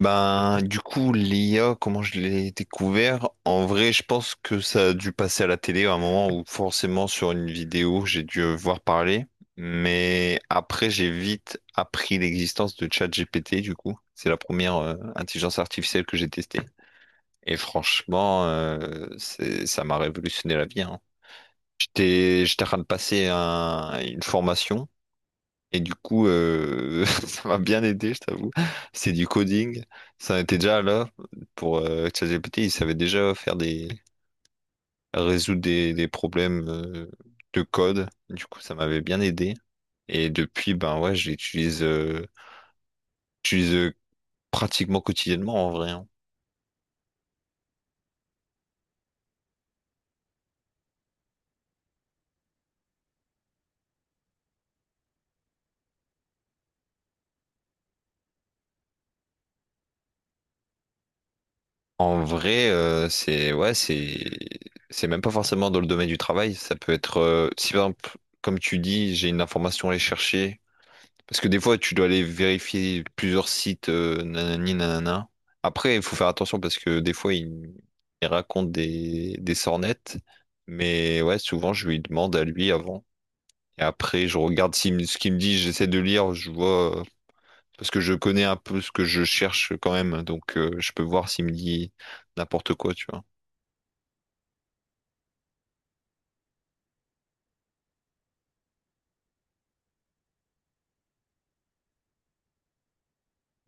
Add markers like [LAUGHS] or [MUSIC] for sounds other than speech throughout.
Ben, du coup, l'IA, comment je l'ai découvert? En vrai, je pense que ça a dû passer à la télé à un moment où forcément sur une vidéo, j'ai dû voir parler. Mais après, j'ai vite appris l'existence de ChatGPT, du coup. C'est la première intelligence artificielle que j'ai testée. Et franchement, ça m'a révolutionné la vie, hein. J'étais en train de passer une formation. Et du coup, [LAUGHS] ça m'a bien aidé, je t'avoue. C'est du coding. Ça était déjà là pour ChatGPT. Il savait déjà faire des résoudre des problèmes de code. Du coup, ça m'avait bien aidé. Et depuis, ben ouais, je l'utilise j'utilise, pratiquement quotidiennement en vrai, hein. En vrai, c'est ouais, c'est même pas forcément dans le domaine du travail. Ça peut être si par exemple, comme tu dis, j'ai une information à aller chercher. Parce que des fois, tu dois aller vérifier plusieurs sites, nanani, nanana. Après, il faut faire attention parce que des fois, il raconte des sornettes. Mais ouais, souvent, je lui demande à lui avant. Et après, je regarde s'il me- ce qu'il me dit, j'essaie de lire, je vois. Parce que je connais un peu ce que je cherche quand même. Donc, je peux voir s'il me dit n'importe quoi, tu vois.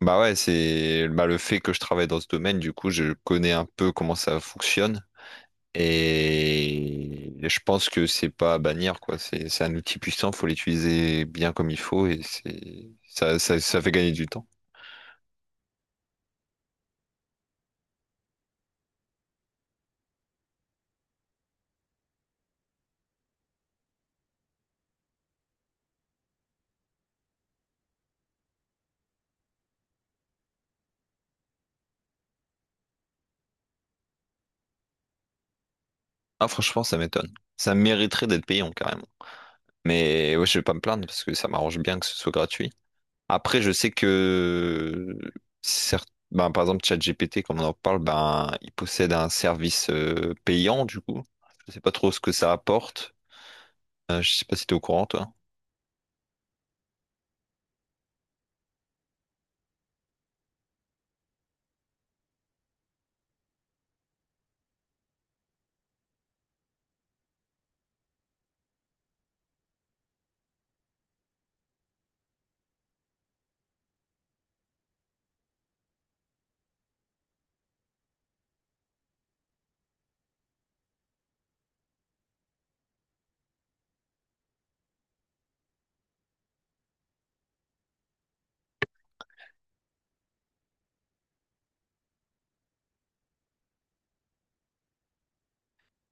Le fait que je travaille dans ce domaine, du coup, je connais un peu comment ça fonctionne. Et je pense que c'est pas à bannir, quoi. C'est un outil puissant, faut l'utiliser bien comme il faut et c'est ça fait gagner du temps. Ah, franchement, ça m'étonne. Ça mériterait d'être payant, carrément. Mais ouais, je vais pas me plaindre parce que ça m'arrange bien que ce soit gratuit. Après, je sais que certes, ben, par exemple, ChatGPT, comme on en parle, ben, il possède un service payant, du coup. Je sais pas trop ce que ça apporte. Je sais pas si t'es au courant, toi.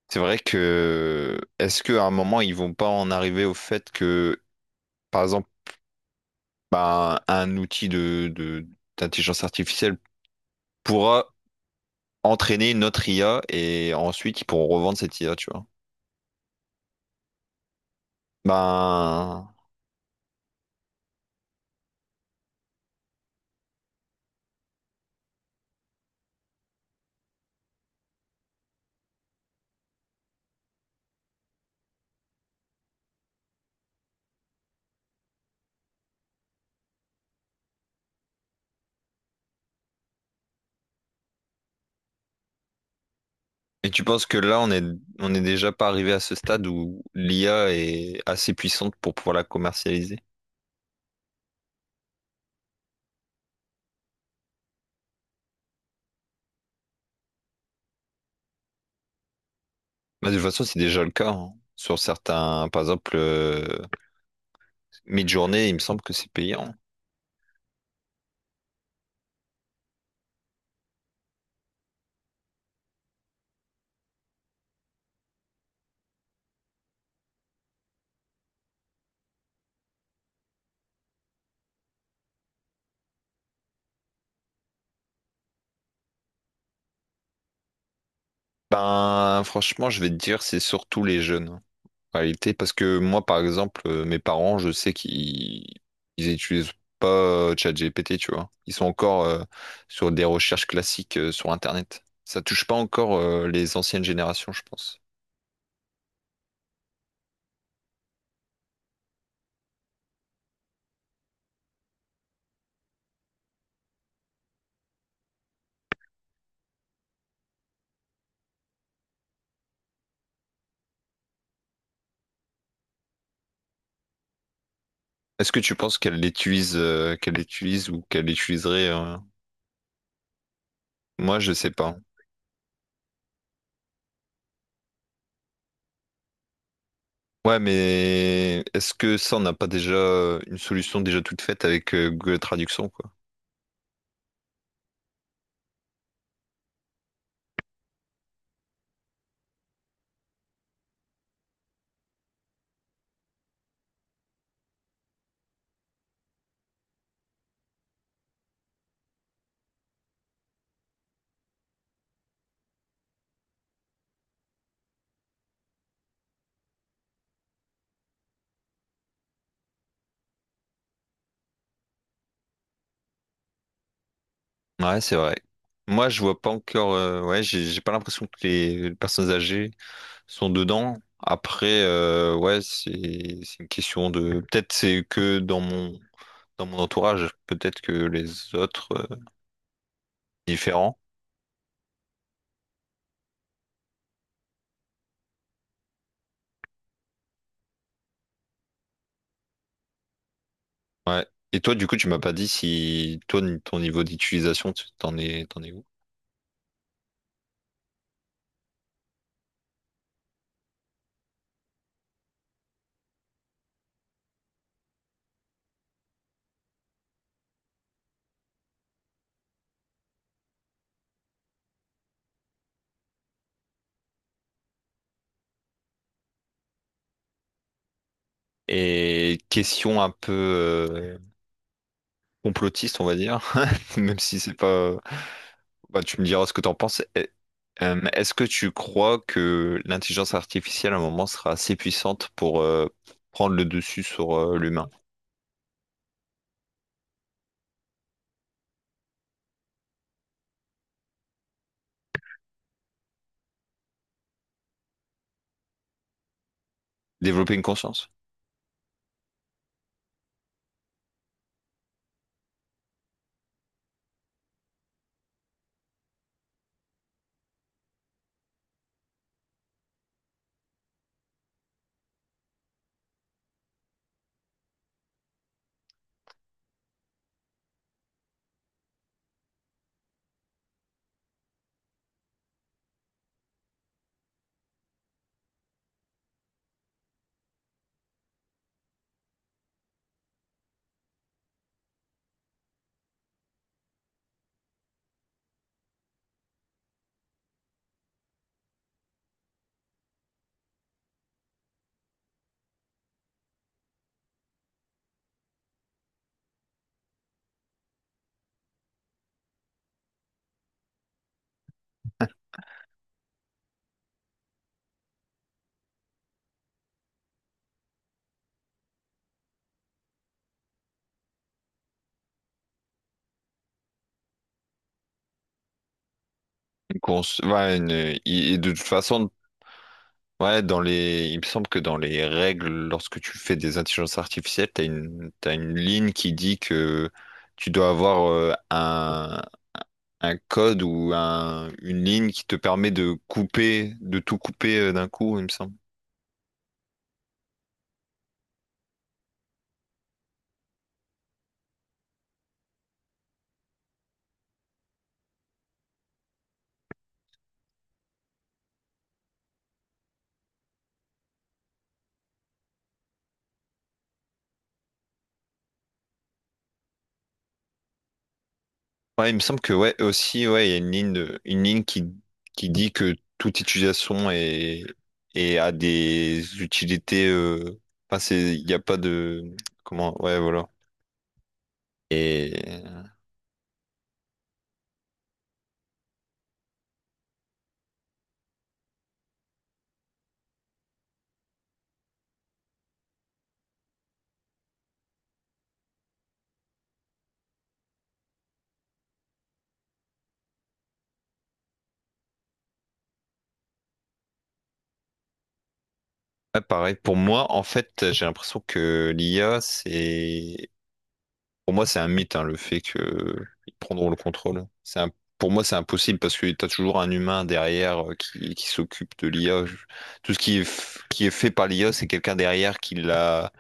C'est vrai que est-ce qu'à un moment ils vont pas en arriver au fait que, par exemple, bah, un d'intelligence artificielle pourra entraîner notre IA et ensuite ils pourront revendre cette IA, tu vois. Ben, et tu penses que là on est déjà pas arrivé à ce stade où l'IA est assez puissante pour pouvoir la commercialiser? Bah, de toute façon, c'est déjà le cas, hein. Sur certains, par exemple. Mid-journée, il me semble que c'est payant. Ben, franchement, je vais te dire, c'est surtout les jeunes, hein, en réalité, parce que moi, par exemple, mes parents, je sais qu'ils ils utilisent pas ChatGPT, tu vois. Ils sont encore sur des recherches classiques sur Internet. Ça touche pas encore les anciennes générations, je pense. Est-ce que tu penses qu'elle l'utilise ou qu'elle l'utiliserait moi, je sais pas. Ouais, mais est-ce que ça, on n'a pas déjà une solution déjà toute faite avec Google Traduction, quoi? Ouais, c'est vrai. Moi, je vois pas encore. Ouais, j'ai pas l'impression que les personnes âgées sont dedans. Après, ouais, c'est une question de. Peut-être c'est que dans mon entourage. Peut-être que les autres différents. Ouais. Et toi, du coup, tu m'as pas dit si toi, ton niveau d'utilisation, t'en es où? Et question un peu complotiste, on va dire, [LAUGHS] même si c'est pas. Bah, tu me diras ce que t'en penses. Est-ce que tu crois que l'intelligence artificielle, à un moment, sera assez puissante pour prendre le dessus sur l'humain? Développer une conscience? Ouais, une- et de toute façon, ouais, dans les... il me semble que dans les règles, lorsque tu fais des intelligences artificielles, t'as une ligne qui dit que tu dois avoir un code ou un... une ligne qui te permet de couper, de tout couper d'un coup, il me semble. Ouais, il me semble que ouais, aussi, ouais, il y a une ligne de... une ligne qui dit que toute utilisation est, est à des utilités. Enfin, c'est... il n'y a pas de. Comment? Ouais, voilà. Et. Ouais, pareil, pour moi, en fait, j'ai l'impression que l'IA, c'est... Pour moi, c'est un mythe, hein, le fait qu'ils prendront le contrôle. C'est un- pour moi, c'est impossible parce que tu as toujours un humain derrière qui s'occupe de l'IA. Tout ce qui est, qui est fait par l'IA, c'est quelqu'un derrière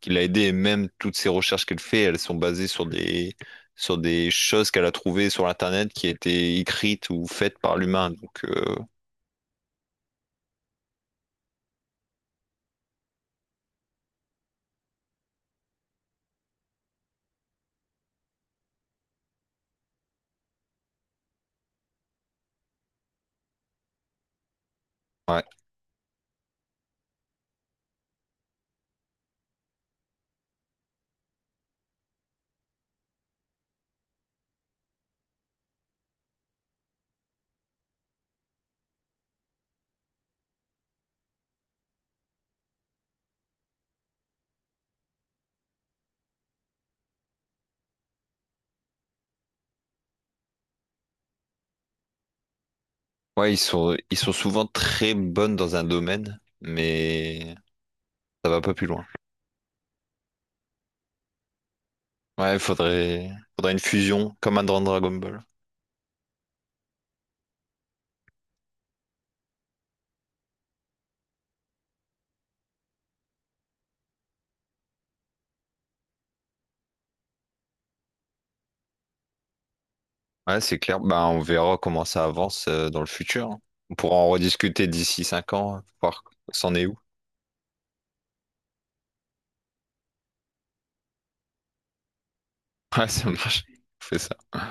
qui l'a aidé. Et même toutes ces recherches qu'elle fait, elles sont basées sur des choses qu'elle a trouvées sur Internet qui étaient écrites ou faites par l'humain. Donc, ouais. Ouais, ils sont souvent très bonnes dans un domaine, mais ça va pas plus loin. Ouais, faudrait une fusion, comme un dans Dragon Ball. Ouais, c'est clair. Bah, on verra comment ça avance dans le futur, hein. On pourra en rediscuter d'ici 5 ans, voir s'en est où. [LAUGHS] Ouais, ça marche. On fait ça.